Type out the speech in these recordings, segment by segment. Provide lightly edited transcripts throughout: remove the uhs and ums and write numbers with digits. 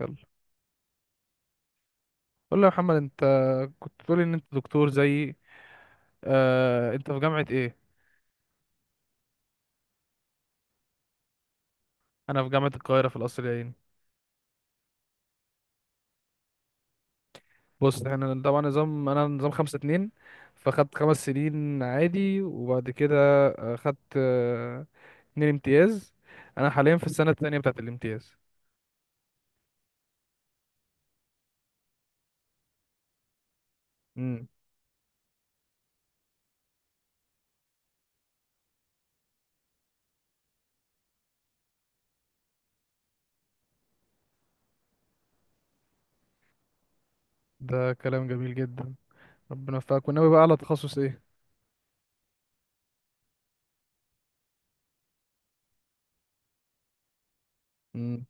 يلا، قول لي يا محمد، انت كنت تقول ان انت دكتور زيي. انت في جامعة ايه؟ انا في جامعة القاهرة في القصر العيني. بص، احنا طبعا نظام، انا نظام خمسة اتنين. فخدت خمس سنين عادي وبعد كده آه، خدت آه، اتنين امتياز. انا حاليا في السنة التانية بتاعت الامتياز. امم. ده كلام جميل جدا. ربنا يوفقك. وناوي بقى على تخصص ايه؟ امم.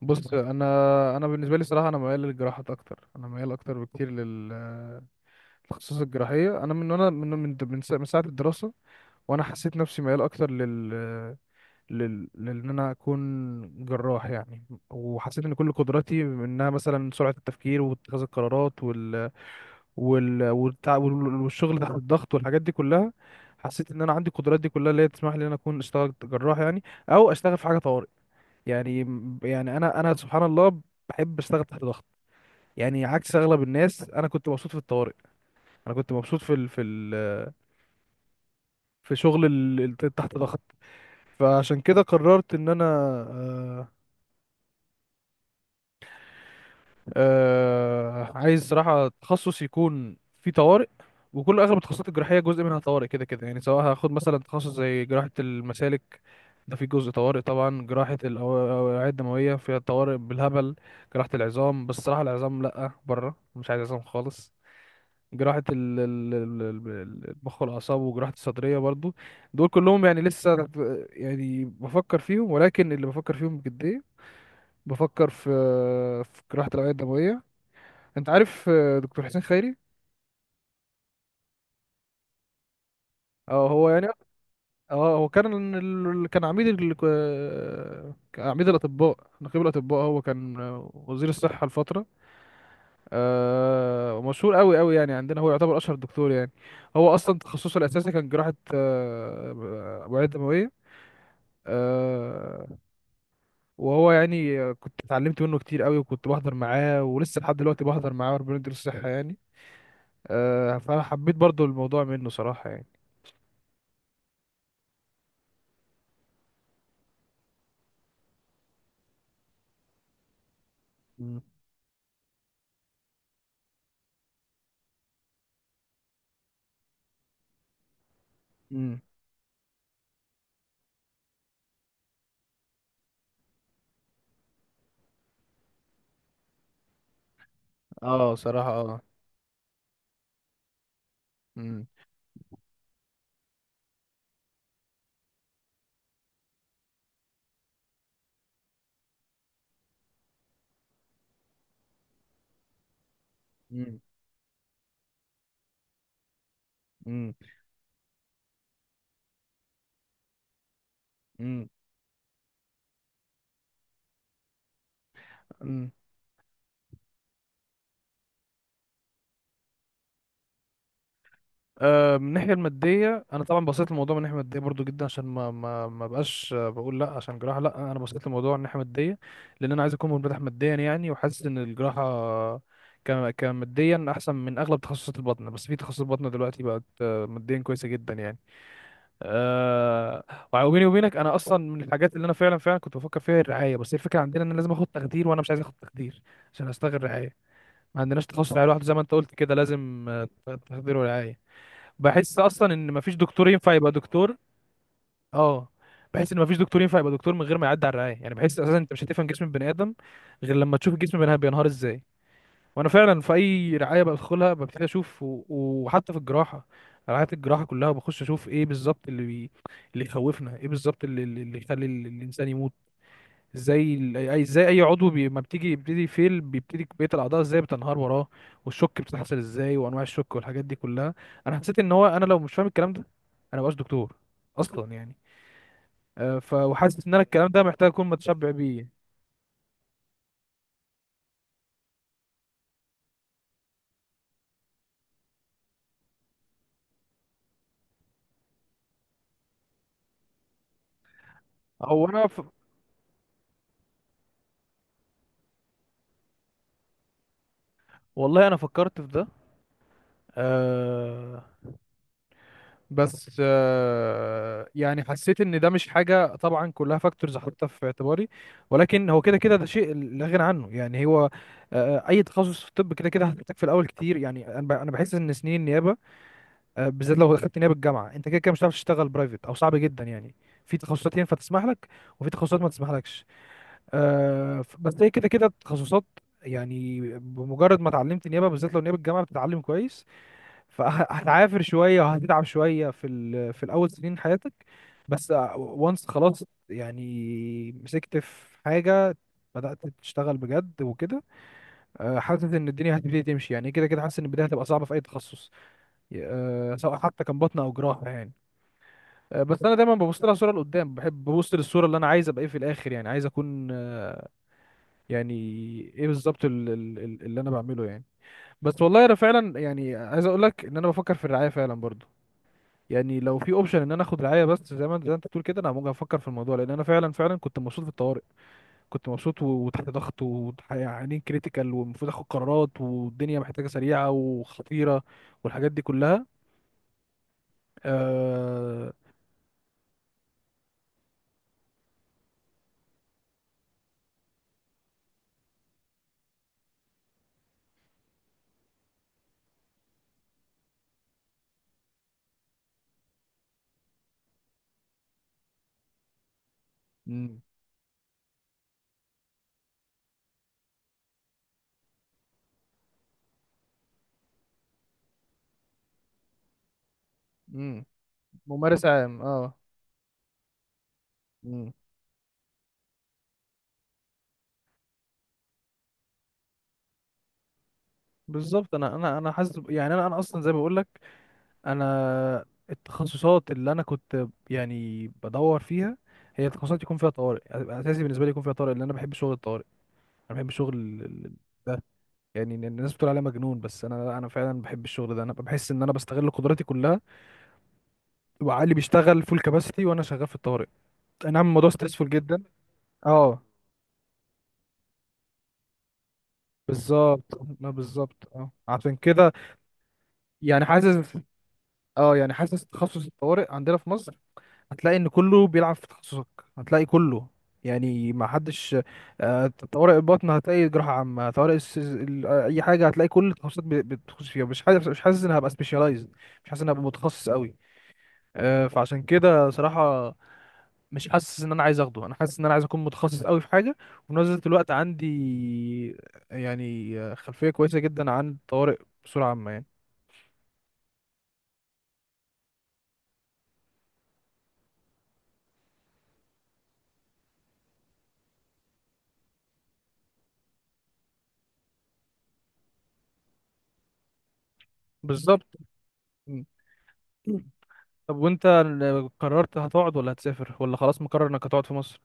بص، انا بالنسبة لي صراحة انا ميال للجراحات اكتر، انا ميال اكتر بكتير لل آه، التخصص الجراحية. أنا من ساعة الدراسة، وأنا حسيت نفسي ميال أكتر لل لل لأن أنا أكون جراح يعني. وحسيت إن كل قدراتي، إنها مثلا سرعة التفكير واتخاذ القرارات، والشغل تحت الضغط والحاجات دي كلها. حسيت إن أنا عندي القدرات دي كلها اللي هي تسمح لي إن أنا أكون أشتغل جراح يعني، أو أشتغل في حاجة طوارئ. يعني يعني أنا سبحان الله بحب أشتغل تحت ضغط. يعني عكس أغلب الناس، أنا كنت مبسوط في الطوارئ. انا كنت مبسوط في شغل تحت ضغط. فعشان كده قررت ان انا، آه، عايز صراحة تخصص يكون فيه طوارئ. وكل اغلب التخصصات الجراحية جزء منها طوارئ كده كده، يعني سواء هاخد مثلا تخصص زي جراحة المسالك، ده فيه جزء طوارئ طبعا. جراحة الأوعية الدموية فيها طوارئ بالهبل. جراحة العظام، بس صراحة العظام لأ، بره مش عايز عظام خالص. جراحة المخ والأعصاب، وجراحة الصدرية برضو، دول كلهم يعني لسه تحت-. يعني بفكر فيهم، ولكن اللي بفكر فيهم بجدية بفكر في جراحة الأوعية الدموية. أنت عارف دكتور حسين خيري؟ اه، هو يعني. اه، هو كان عميد الأطباء، نقيب الأطباء، هو كان وزير الصحة لفترة. ومشهور قوي قوي يعني، عندنا هو يعتبر أشهر دكتور يعني. هو أصلا تخصصه الأساسي كان جراحة أوعية دموية. آه، وهو يعني كنت اتعلمت منه كتير قوي، وكنت بحضر معاه، ولسه لحد دلوقتي بحضر معاه، وربنا يديله الصحة يعني. فأنا حبيت برضو الموضوع منه صراحة يعني. مم. مم. اه، صراحة، اه. مم. مم. مم. مم. مم. من الناحيه الماديه، انا طبعا بصيت الموضوع من الناحيه الماديه برضو جدا، عشان ما بقاش، بقول لا عشان جراحه لا، انا بصيت الموضوع من الناحيه الماديه لان انا عايز اكون منفتح ماديا يعني، وحاسس ان الجراحه كماديا احسن من اغلب تخصصات البطن. بس في تخصصات البطن دلوقتي بقت ماديا كويسه جدا يعني. أه. وبيني وبينك، انا اصلا من الحاجات اللي انا فعلا فعلا كنت بفكر فيها هي الرعايه. بس هي الفكره عندنا ان أنا لازم اخد تخدير، وانا مش عايز اخد تخدير عشان اشتغل رعايه. ما عندناش تخصص رعايه لوحده، زي ما انت قلت كده لازم تخدير ورعايه. بحس اصلا ان مفيش دكتور ينفع يبقى دكتور. اه، بحس ان مفيش دكتور ينفع يبقى دكتور من غير ما يعدي على الرعايه، يعني بحس اساسا انت مش هتفهم جسم البني ادم غير لما تشوف الجسم بينهار ازاي. وانا فعلا في اي رعايه بدخلها ببتدي اشوف وحتى في الجراحه، رعايه الجراحه كلها بخش اشوف ايه بالظبط اللي يخوفنا، ايه بالظبط اللي يخلي الانسان يموت. زي ال- اي زي اي عضو ما بتيجي بيبتدي فيل، بيبتدي بقيه الاعضاء ازاي بتنهار وراه، والشوك بتحصل ازاي، وانواع الشوك والحاجات دي كلها. انا حسيت ان هو، انا لو مش فاهم الكلام ده انا مبقاش دكتور اصلا يعني. آه، ف وحاسس ان انا الكلام ده محتاج اكون متشبع بيه. هو انا ف... والله انا فكرت في ده. آه، بس آه، يعني حسيت ان ده مش حاجه، طبعا كلها فاكتورز احطها في اعتباري، ولكن هو كده كده ده شيء لا غنى عنه يعني. هو اي تخصص في الطب كده كده هتحتاج في الاول كتير يعني. أنا بحس ان سنين النيابه، بالذات لو دخلت نيابه الجامعه، انت كده كده مش هتعرف تشتغل برايفت، او صعب جدا يعني. في تخصصات ينفع تسمح لك، وفي تخصصات ما تسمحلكش. بس هي كده كده تخصصات، يعني بمجرد ما اتعلمت نيابه، بالذات لو نيابه الجامعه بتتعلم كويس، فهتعافر شويه وهتتعب شويه في الاول سنين حياتك، بس. وانس خلاص، يعني مسكت في حاجه، بدأت تشتغل بجد وكده، حاسس ان الدنيا هتبتدي تمشي يعني. كده كده حاسس ان البدايه هتبقى صعبه في اي تخصص، سواء حتى كان بطنه او جراحه يعني. بس انا دايما ببص لها صوره لقدام، بحب ببص للصوره اللي انا عايز ابقى ايه في الاخر، يعني عايز اكون يعني ايه بالظبط اللي انا بعمله يعني. بس والله انا فعلا يعني عايز اقول لك ان انا بفكر في الرعايه فعلا برضو. يعني لو في اوبشن ان انا اخد رعايه بس، زي ما انت بتقول كده، انا ممكن افكر في الموضوع، لان انا فعلا فعلا كنت مبسوط في الطوارئ. كنت مبسوط وتحت ضغط، ويعني كريتيكال، والمفروض اخد قرارات، والدنيا محتاجه سريعه وخطيره، والحاجات دي كلها. آه... مم. مم. ممارس عام، اه. مم. بالظبط، انا انا حاسس يعني انا اصلا زي ما بقول لك، انا التخصصات اللي انا كنت يعني بدور فيها هي تخصصات يكون فيها طوارئ. اساسي بالنسبه لي يكون فيها طوارئ، لان انا بحب شغل الطوارئ. انا بحب شغل ده. يعني إن الناس بتقول عليه مجنون، بس انا لا، انا فعلا بحب الشغل ده. انا بحس ان انا بستغل قدراتي كلها، وعقلي بيشتغل فول كباستي وانا شغال في الطوارئ. اي نعم، الموضوع ستريسفول جدا. اه، بالظبط، ما بالظبط، اه، عشان كده يعني حاسس. حاسس تخصص الطوارئ عندنا في مصر، هتلاقي ان كله بيلعب في تخصصك. هتلاقي كله يعني، ما حدش. طوارئ البطن هتلاقي جراحة عامة، طوارئ اي حاجة. هتلاقي كل التخصصات بتخش فيها. مش حاسس ان هبقى سبيشالايزد، مش حاسس ان هبقى متخصص قوي. فعشان كده صراحة مش حاسس ان انا عايز اخده. انا حاسس ان انا عايز اكون متخصص قوي في حاجة، وفي نفس الوقت عندي خلفية كويسة جدا عن الطوارئ بصورة عامة يعني. بالظبط. م. طب وانت قررت هتقعد ولا هتسافر، ولا خلاص مقرر انك هتقعد في مصر؟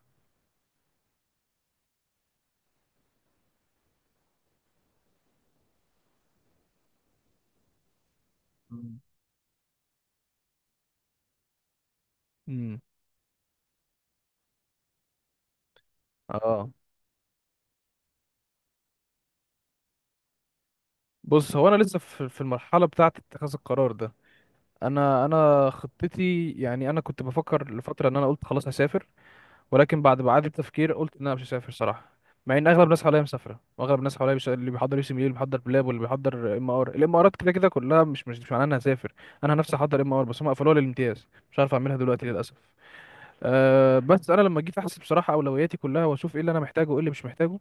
مم. امم. اه، بص، هو انا لسه في المرحله بتاعه اتخاذ القرار ده. انا خطتي يعني، انا كنت بفكر لفتره ان انا قلت خلاص هسافر، ولكن بعد ما اعاده تفكير قلت ان انا مش هسافر صراحه. مع ان اغلب الناس حواليا مسافره، واغلب الناس حواليا مش... اللي بيحضر يو سي، اللي بيحضر بلاب، واللي بيحضر ام ار، الامارات، كده كده كلها مش معناها انها هسافر. انا نفسي احضر ام ار بس هم قفلوها للامتياز، مش عارف اعملها دلوقتي للاسف. أه، بس انا لما جيت احسب بصراحه اولوياتي كلها، واشوف ايه اللي انا محتاجه وايه اللي مش محتاجه،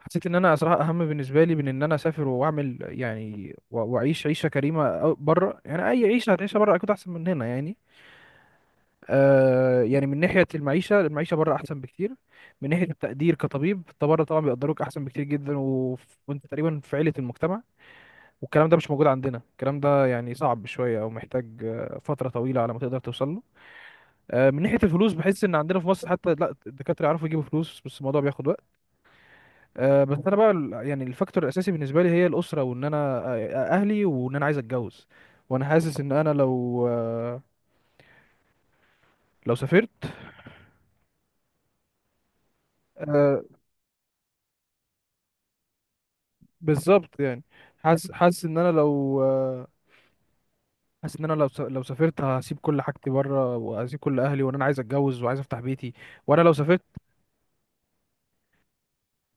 حسيت ان انا صراحه اهم بالنسبه لي من ان انا اسافر واعمل يعني، واعيش عيشه كريمه بره يعني. اي عيشه هتعيشها بره اكيد احسن من هنا يعني. يعني من ناحيه المعيشه، المعيشه بره احسن بكتير. من ناحيه التقدير كطبيب، انت بره طبعا بيقدروك احسن بكتير جدا، وانت تقريبا في عيله المجتمع. والكلام ده مش موجود عندنا، الكلام ده يعني صعب شويه، او محتاج فتره طويله على ما تقدر توصل له. من ناحيه الفلوس، بحس ان عندنا في مصر حتى لا الدكاتره يعرفوا يجيبوا فلوس، بس الموضوع بياخد. أه، بس انا بقى يعني الفاكتور الاساسي بالنسبه لي هي الاسره، وان انا آه، اهلي، وان انا عايز اتجوز. وانا حاسس ان انا لو سافرت. أه، بالظبط يعني. حاسس ان انا لو آه، حاسس ان انا لو سافرت هسيب كل حاجتي بره، وهسيب كل اهلي، وان انا عايز اتجوز وعايز افتح بيتي. وانا لو سافرت،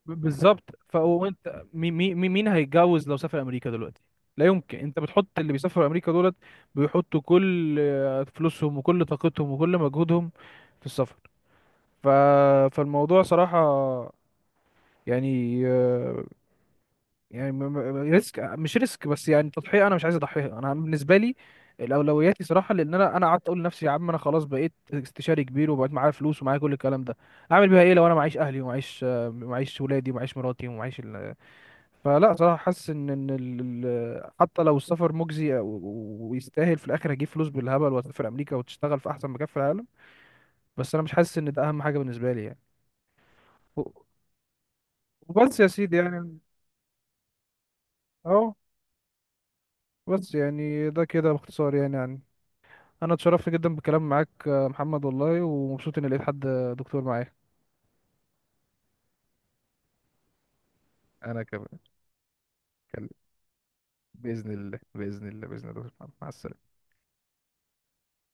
بالظبط. فانت مين مين هيتجوز لو سافر امريكا دلوقتي؟ لا يمكن، انت بتحط اللي بيسافروا امريكا دولت، بيحطوا كل فلوسهم وكل طاقتهم وكل مجهودهم في السفر. ف... فالموضوع صراحة يعني يعني ريسك، مش ريسك بس، يعني تضحية. أنا مش عايز أضحيها. أنا بالنسبة لي الأولوياتي صراحة، لأن أنا قعدت أقول لنفسي يا عم، أنا خلاص بقيت استشاري كبير وبقيت معايا فلوس ومعايا كل الكلام ده، أعمل بيها إيه لو أنا معيش أهلي ومعيش معيش ولادي ومعيش مراتي فلا صراحة حاسس إن حتى لو السفر مجزي ويستاهل، في الآخر أجيب فلوس بالهبل وأسافر أمريكا وتشتغل في أحسن مكان في العالم، بس أنا مش حاسس إن ده أهم حاجة بالنسبة لي يعني. وبس يا سيدي يعني، اهو. بس يعني ده كده باختصار يعني. انا اتشرفت جدا بالكلام معاك محمد والله، ومبسوط اني لقيت حد دكتور معايا. انا كمان. اتكلم. باذن الله، باذن الله، باذن الله. مع السلامه.